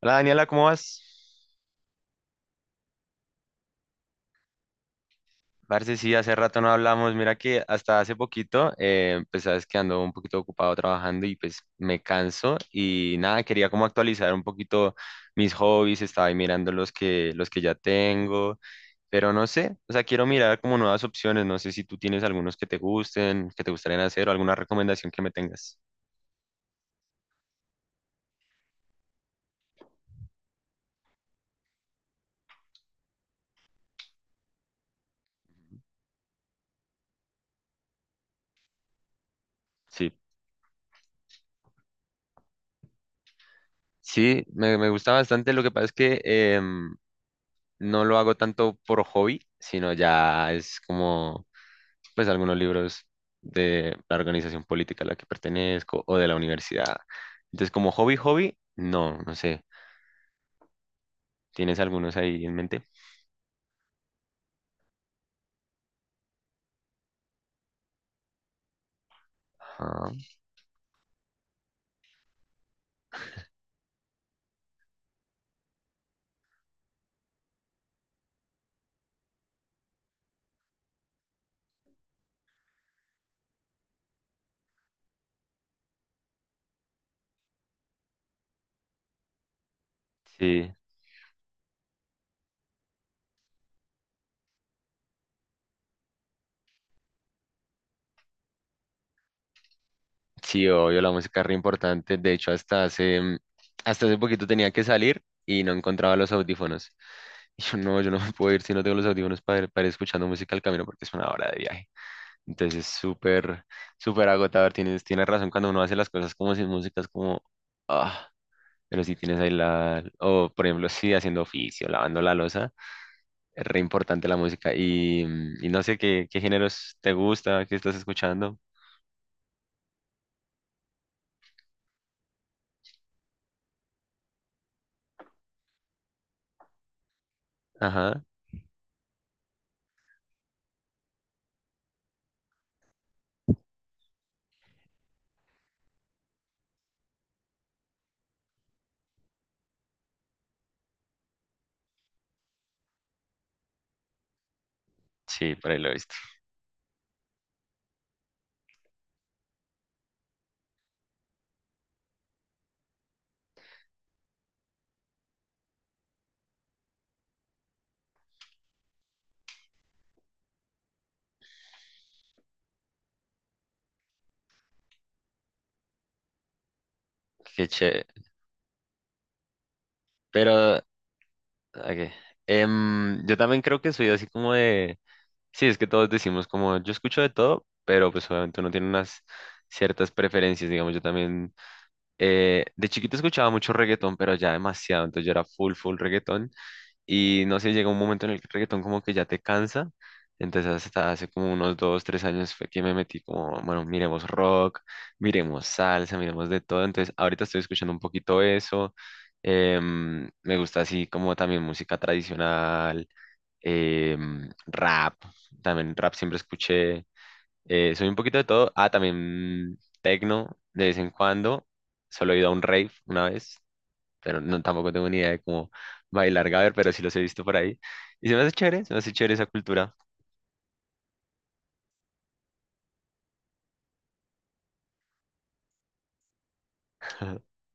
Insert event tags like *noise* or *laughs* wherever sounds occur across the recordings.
Hola Daniela, ¿cómo vas? Parce, sí, hace rato no hablamos. Mira que hasta hace poquito, pues sabes que ando un poquito ocupado trabajando y pues me canso y nada, quería como actualizar un poquito mis hobbies, estaba ahí mirando los que ya tengo, pero no sé, o sea, quiero mirar como nuevas opciones, no sé si tú tienes algunos que te gusten, que te gustarían hacer o alguna recomendación que me tengas. Sí. Sí, me gusta bastante. Lo que pasa es que no lo hago tanto por hobby, sino ya es como pues algunos libros de la organización política a la que pertenezco o de la universidad. Entonces, como hobby, hobby, no, no sé. ¿Tienes algunos ahí en mente? Ajá. Sí, sí, obvio, la música es re importante. De hecho, hasta hasta hace poquito tenía que salir y no encontraba los audífonos. *laughs* Y yo no me puedo ir si no tengo los audífonos para ir escuchando música al camino porque es una hora de viaje. Entonces es súper, súper agotador. Tienes razón, cuando uno hace las cosas como sin música es como, ah, pero si tienes ahí la, o por ejemplo, si haciendo oficio, lavando la loza, es re importante la música. Y no sé qué géneros te gusta, qué estás escuchando. Ajá, sí, por ahí lo he visto. Qué chévere. Pero, ok, yo también creo que soy así como de, sí, es que todos decimos como, yo escucho de todo, pero pues obviamente uno tiene unas ciertas preferencias, digamos, yo también, de chiquito escuchaba mucho reggaetón, pero ya demasiado, entonces yo era full, full reggaetón. Y no sé, llega un momento en el que el reggaetón como que ya te cansa. Entonces hasta hace como unos 2, 3 años fue que me metí como, bueno, miremos rock, miremos salsa, miremos de todo. Entonces ahorita estoy escuchando un poquito eso. Me gusta así como también música tradicional, rap, también rap siempre escuché. Soy un poquito de todo. Ah, también tecno de vez en cuando. Solo he ido a un rave una vez, pero no, tampoco tengo ni idea de cómo bailar gaber, pero sí los he visto por ahí. Y se me hace chévere, se me hace chévere esa cultura. *laughs*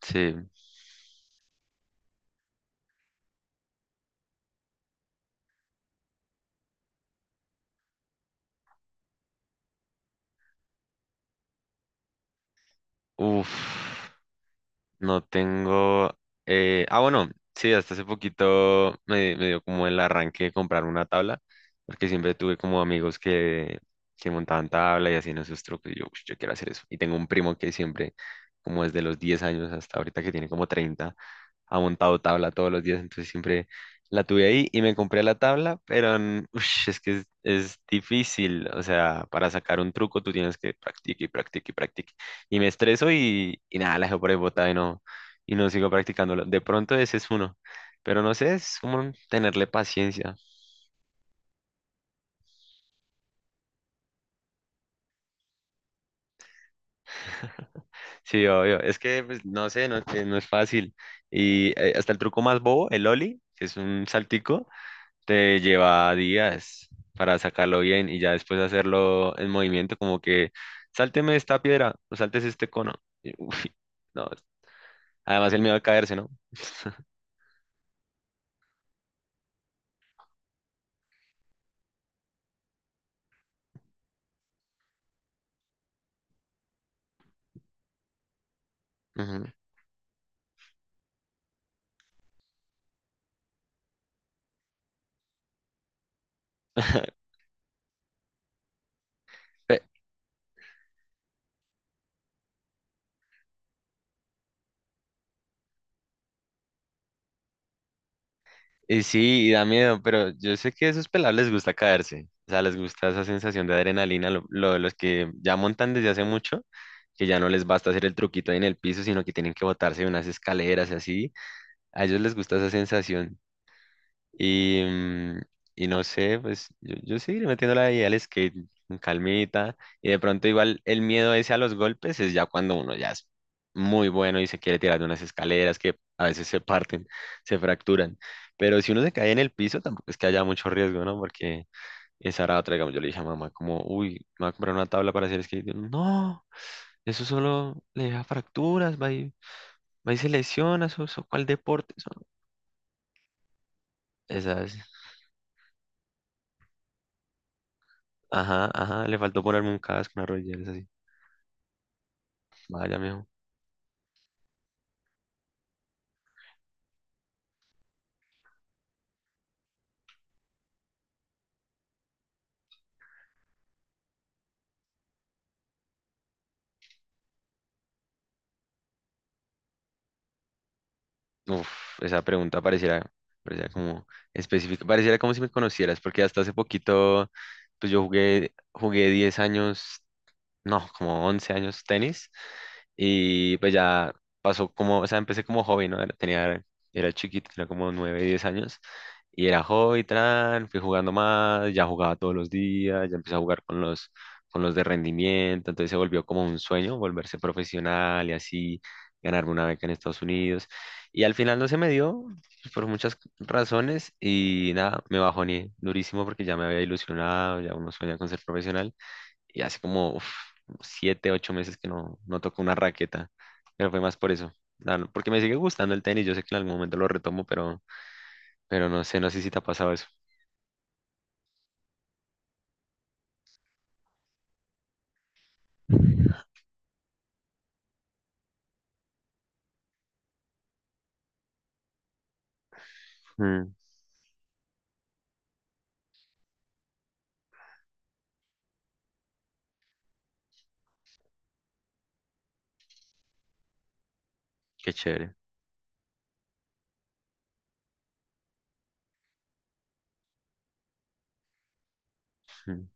Sí. Uf. No tengo. Bueno, sí, hasta hace poquito me dio como el arranque de comprar una tabla, porque siempre tuve como amigos que montaban tabla y hacían esos trucos. Y yo, "Ush, yo quiero hacer eso". Y tengo un primo que siempre, como desde los 10 años hasta ahorita que tiene como 30, ha montado tabla todos los días. Entonces siempre la tuve ahí y me compré la tabla, pero ush, es que es difícil. O sea, para sacar un truco tú tienes que practicar y practicar y practicar y me estreso y nada, la dejo por ahí botada y y no sigo practicándolo. De pronto ese es uno, pero no sé, es como tenerle paciencia. Sí, obvio, es que pues, no sé, no, no es fácil. Y hasta el truco más bobo, el ollie, que es un saltico, te lleva días para sacarlo bien y ya después hacerlo en movimiento, como que sálteme esta piedra o saltes este cono. Y, uf, no, además el miedo a caerse, ¿no? *laughs* Ujú. *laughs* Y sí, y da miedo, pero yo sé que a esos pelados les gusta caerse. O sea, les gusta esa sensación de adrenalina, lo de los que ya montan desde hace mucho, que ya no les basta hacer el truquito ahí en el piso, sino que tienen que botarse de unas escaleras y así. A ellos les gusta esa sensación. Y, mm, y no sé, pues yo seguiré metiéndola ahí al skate con calmita. Y de pronto igual el miedo ese a los golpes es ya cuando uno ya es muy bueno y se quiere tirar de unas escaleras que a veces se parten, *laughs* se fracturan. Pero si uno se cae en el piso, tampoco es que haya mucho riesgo, ¿no? Porque esa era otra, digamos, yo le dije a mamá como, uy, me voy a comprar una tabla para hacer skate. Y yo, no, eso solo le deja fracturas, va y se lesiona, eso, ¿cuál deporte? Eso, no. Esa es. Ajá, ajá, le faltó ponerme un casco, una rodillera, es así. Vaya, mijo. Uf, esa pregunta pareciera como específica, pareciera como si me conocieras, porque hasta hace poquito, pues yo jugué 10 años no, como 11 años tenis. Y pues ya pasó como, o sea, empecé como hobby, ¿no? Era, tenía, era chiquito, tenía como 9, 10 años. Y era hobby, fui jugando más, ya jugaba todos los días, ya empecé a jugar con con los de rendimiento. Entonces se volvió como un sueño volverse profesional y así ganarme una beca en Estados Unidos. Y al final no se me dio pues, por muchas razones y nada, me bajoné durísimo porque ya me había ilusionado, ya uno sueña con ser profesional y hace como uf, 7, 8 meses que no toco una raqueta, pero fue más por eso, porque me sigue gustando el tenis, yo sé que en algún momento lo retomo, pero no sé, si te ha pasado eso. Mm, qué chévere. Mm.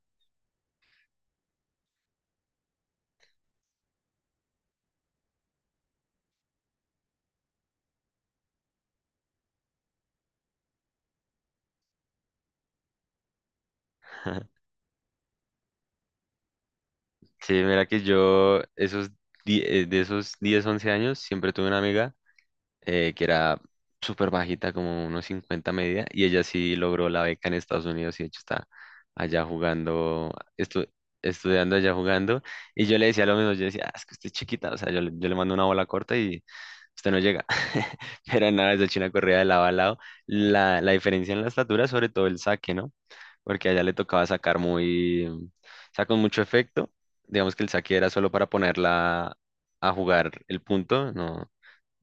*laughs* Sí, mira que yo de esos 10, 11 años siempre tuve una amiga que era súper bajita, como unos 50 media, y ella sí logró la beca en Estados Unidos y de hecho está allá jugando, estu- estudiando allá jugando, y yo le decía lo mismo, yo decía, "Ah, es que usted es chiquita, o sea, yo le mando una bola corta y usted no llega". *laughs* Pero nada, esa china corría de lado a lado, la diferencia en la estatura, sobre todo el saque, ¿no? Porque allá le tocaba sacar muy, o sea, con mucho efecto, digamos que el saque era solo para ponerla a jugar el punto, no,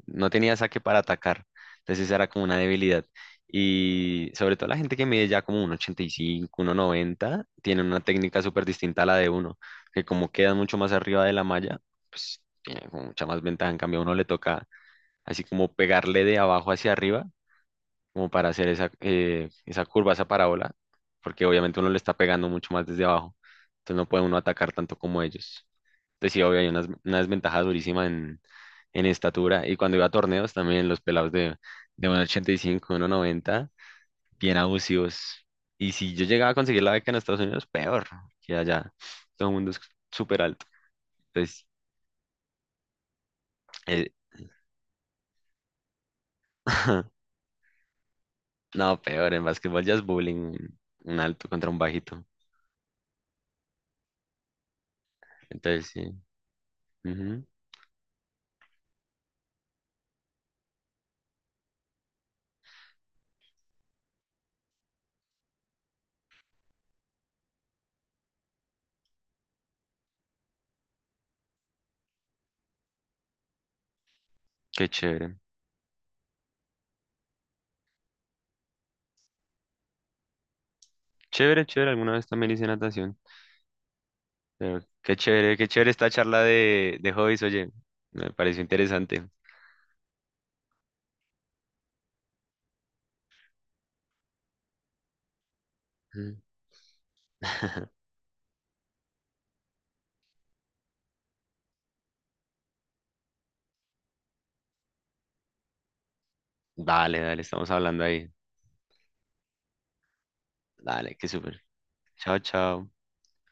no tenía saque para atacar. Entonces esa era como una debilidad. Y sobre todo la gente que mide ya como 1,85, 1,90 tiene una técnica súper distinta a la de uno, que como queda mucho más arriba de la malla, pues tiene como mucha más ventaja. En cambio, a uno le toca así como pegarle de abajo hacia arriba como para hacer esa, esa curva, esa parábola, porque obviamente uno le está pegando mucho más desde abajo, entonces no puede uno atacar tanto como ellos. Entonces sí, obvio, hay una, desventaja durísima en estatura, y cuando iba a torneos también los pelados de 1,85, 1,90 bien abusivos. Y si yo llegaba a conseguir la beca en Estados Unidos, peor, que allá todo el mundo es súper alto. Entonces, eh, *laughs* no, peor, en básquetbol ya es bullying, un alto contra un bajito. Entonces, sí. Ujú, qué chévere. Chévere, chévere, alguna vez también hice natación. Pero qué chévere esta charla de hobbies, oye. Me pareció interesante. Mm. *laughs* Dale, dale, estamos hablando ahí. Dale, qué súper. Chao, chao.